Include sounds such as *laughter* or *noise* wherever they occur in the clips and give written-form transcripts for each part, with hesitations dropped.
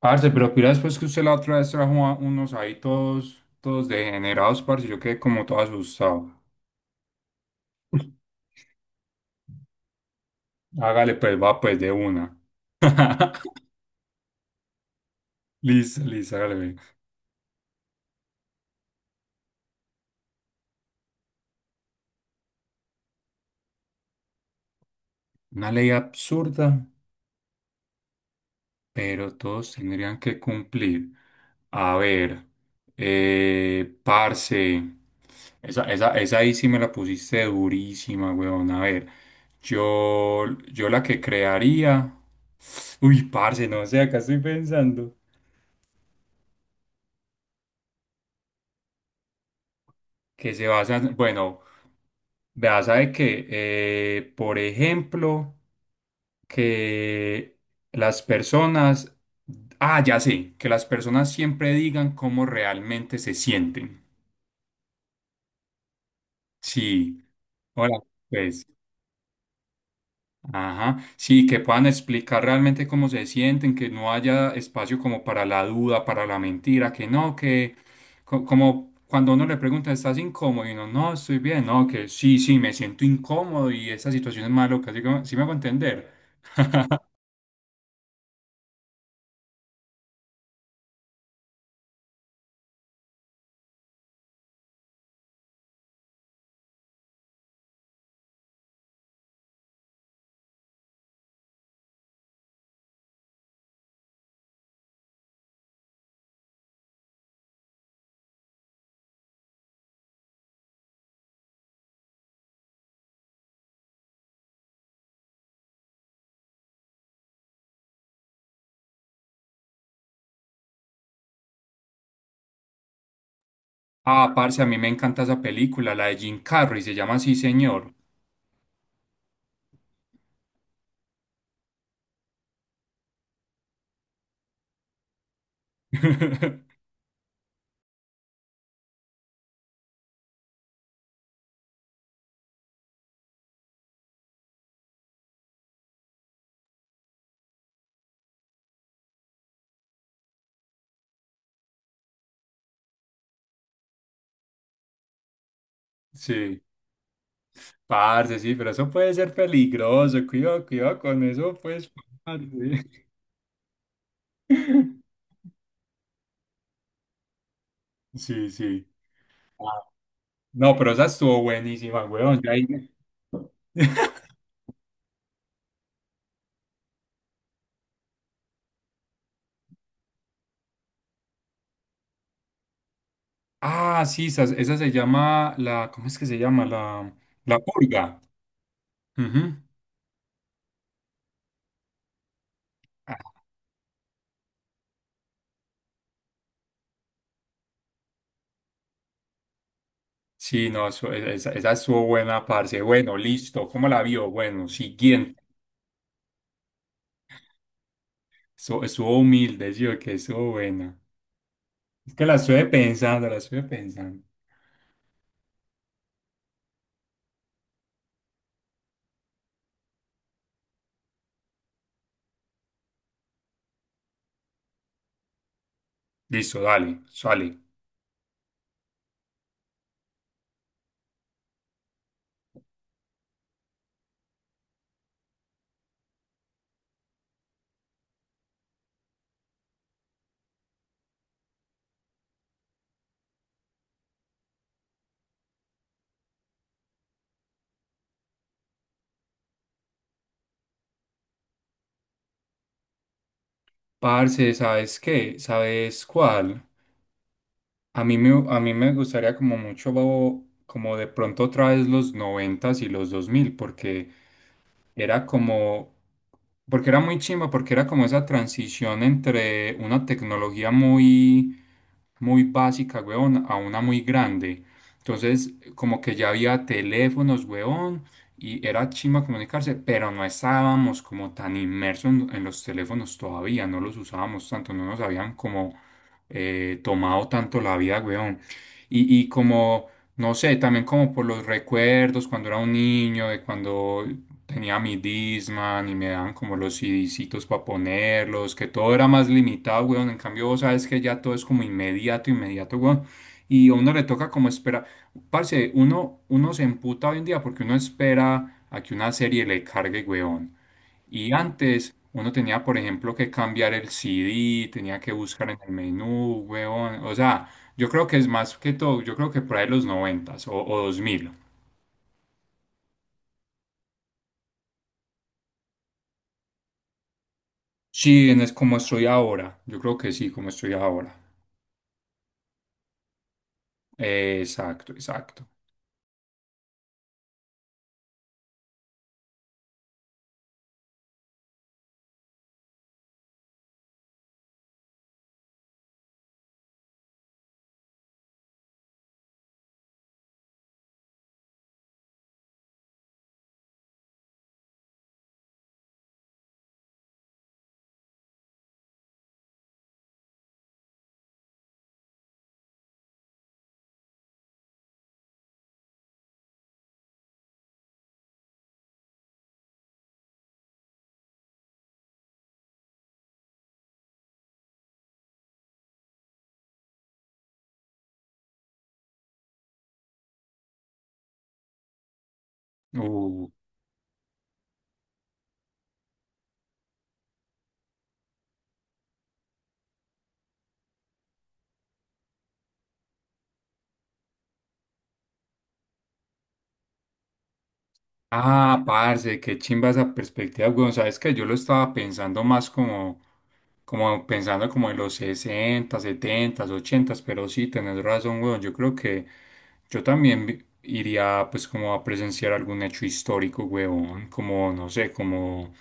Parce, pero pira después que usted la otra vez trajo unos ahí todos degenerados, parce, yo quedé como todo asustado. Hágale pues, va pues de una. *laughs* Listo, listo, hágale, ve. Una ley absurda, pero todos tendrían que cumplir. A ver, parce, esa ahí sí me la pusiste durísima, weón. A ver, yo, yo la que crearía. Uy, parce, no sé, acá estoy pensando. Que se basa, bueno. Vea, sabe que, por ejemplo, que las personas, ah, ya sé, que las personas siempre digan cómo realmente se sienten. Sí, hola, pues, ajá, sí, que puedan explicar realmente cómo se sienten, que no haya espacio como para la duda, para la mentira, que no, que como cuando uno le pregunta, ¿estás incómodo? Y uno, no, estoy bien, no, que sí, sí, me siento incómodo y esta situación es malo, casi como, sí me hago entender. Ah, parce, a mí me encanta esa película, la de Jim Carrey, se llama Sí, señor. *laughs* Sí, parce, sí, pero eso puede ser peligroso. Cuidado, cuidado con eso, pues, parce. *laughs* Sí, sí. Ah, no, pero esa estuvo buenísima, weón. Ya ahí *laughs* Ah, sí, esa se llama la, ¿cómo es que se llama? La purga. Ujú. Sí, no, esa, esa estuvo buena, parce. Bueno, listo. ¿Cómo la vio? Bueno, siguiente. Estuvo, estuvo humilde, sí, que estuvo buena. Es que la estuve pensando, la estuve pensando. Listo, dale, sale. Parce, ¿sabes qué? ¿Sabes cuál? A mí me gustaría como mucho, como de pronto otra vez los noventas y los dos mil, porque era como, porque era muy chimba, porque era como esa transición entre una tecnología muy, muy básica, weón, a una muy grande. Entonces, como que ya había teléfonos, weón, y era chimba comunicarse, pero no estábamos como tan inmersos en los teléfonos todavía, no los usábamos tanto, no nos habían como tomado tanto la vida, weón. Y como, no sé, también como por los recuerdos cuando era un niño, de cuando tenía mi Discman y me daban como los CDcitos para ponerlos, que todo era más limitado, weón. En cambio, vos sabes que ya todo es como inmediato, inmediato, weón. Y a uno le toca como esperar. Parce, uno se emputa hoy en día porque uno espera a que una serie le cargue, weón. Y antes uno tenía, por ejemplo, que cambiar el CD, tenía que buscar en el menú, weón. O sea, yo creo que es más que todo, yo creo que por ahí los noventas o dos mil. Sí, en es como estoy ahora. Yo creo que sí, como estoy ahora. Exacto, exacto. Uh. Ah, parce, qué chimba esa perspectiva, weón. Sabes que yo lo estaba pensando más como pensando como en los 60, 70, 80, pero sí, tenés razón, weón. Yo creo que iría pues como a presenciar algún hecho histórico, weón, como, no sé, como,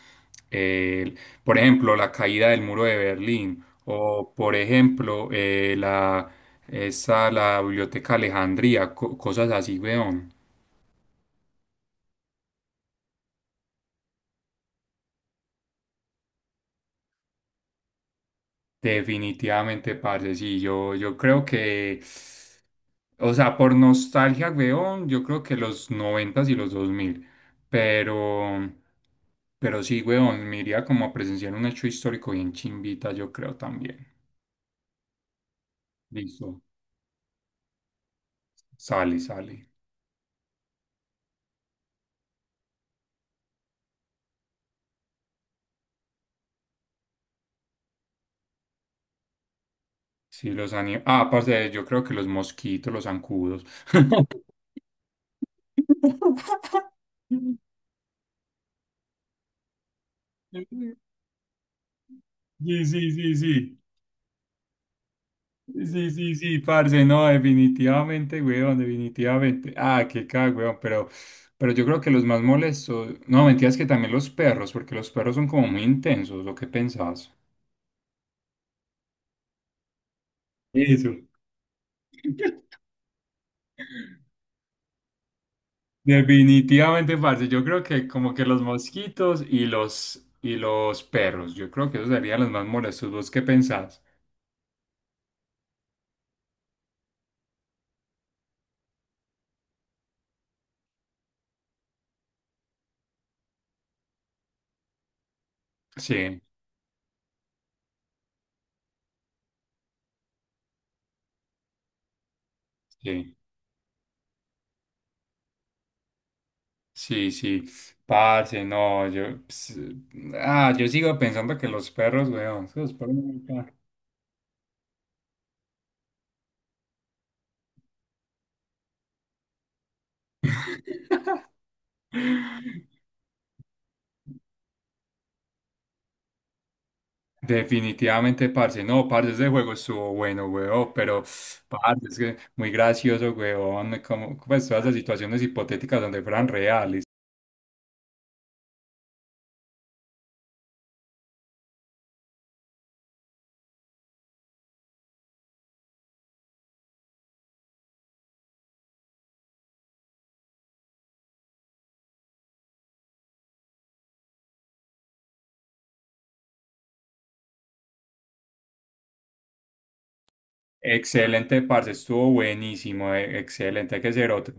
el- por ejemplo, la caída del muro de Berlín o, por ejemplo, la, esa, la Biblioteca Alejandría, cosas así, weón. Definitivamente, parce, sí, yo creo que... O sea, por nostalgia, weón, yo creo que los 90 y los 2000. Pero, pero sí, weón, me iría como a presenciar un hecho histórico bien chimbita, yo creo también. Listo. Sale, sale. Sí, los anim... Ah, aparte, yo creo que los mosquitos, los zancudos. *laughs* Sí, sí, sí, sí. Sí, sí, sí, parce, no, definitivamente, weón, definitivamente. Ah, qué cago, weón, pero yo creo que los más molestos, no, mentiras que también los perros, porque los perros son como muy intensos, ¿o qué pensás? Eso. Definitivamente, parce, yo creo que como que los mosquitos y los perros, yo creo que esos serían los más molestos, ¿vos qué pensás? Sí, sí, sí, sí, parce, no, ah, yo sigo pensando que los perros, weón, esos perros. Ah. Definitivamente, parce. No, parce, ese juego estuvo bueno, weón, pero, parce, es que muy gracioso, weón, como, pues, todas las situaciones hipotéticas donde fueran reales. Excelente, parce, estuvo buenísimo, excelente, hay que ser otro.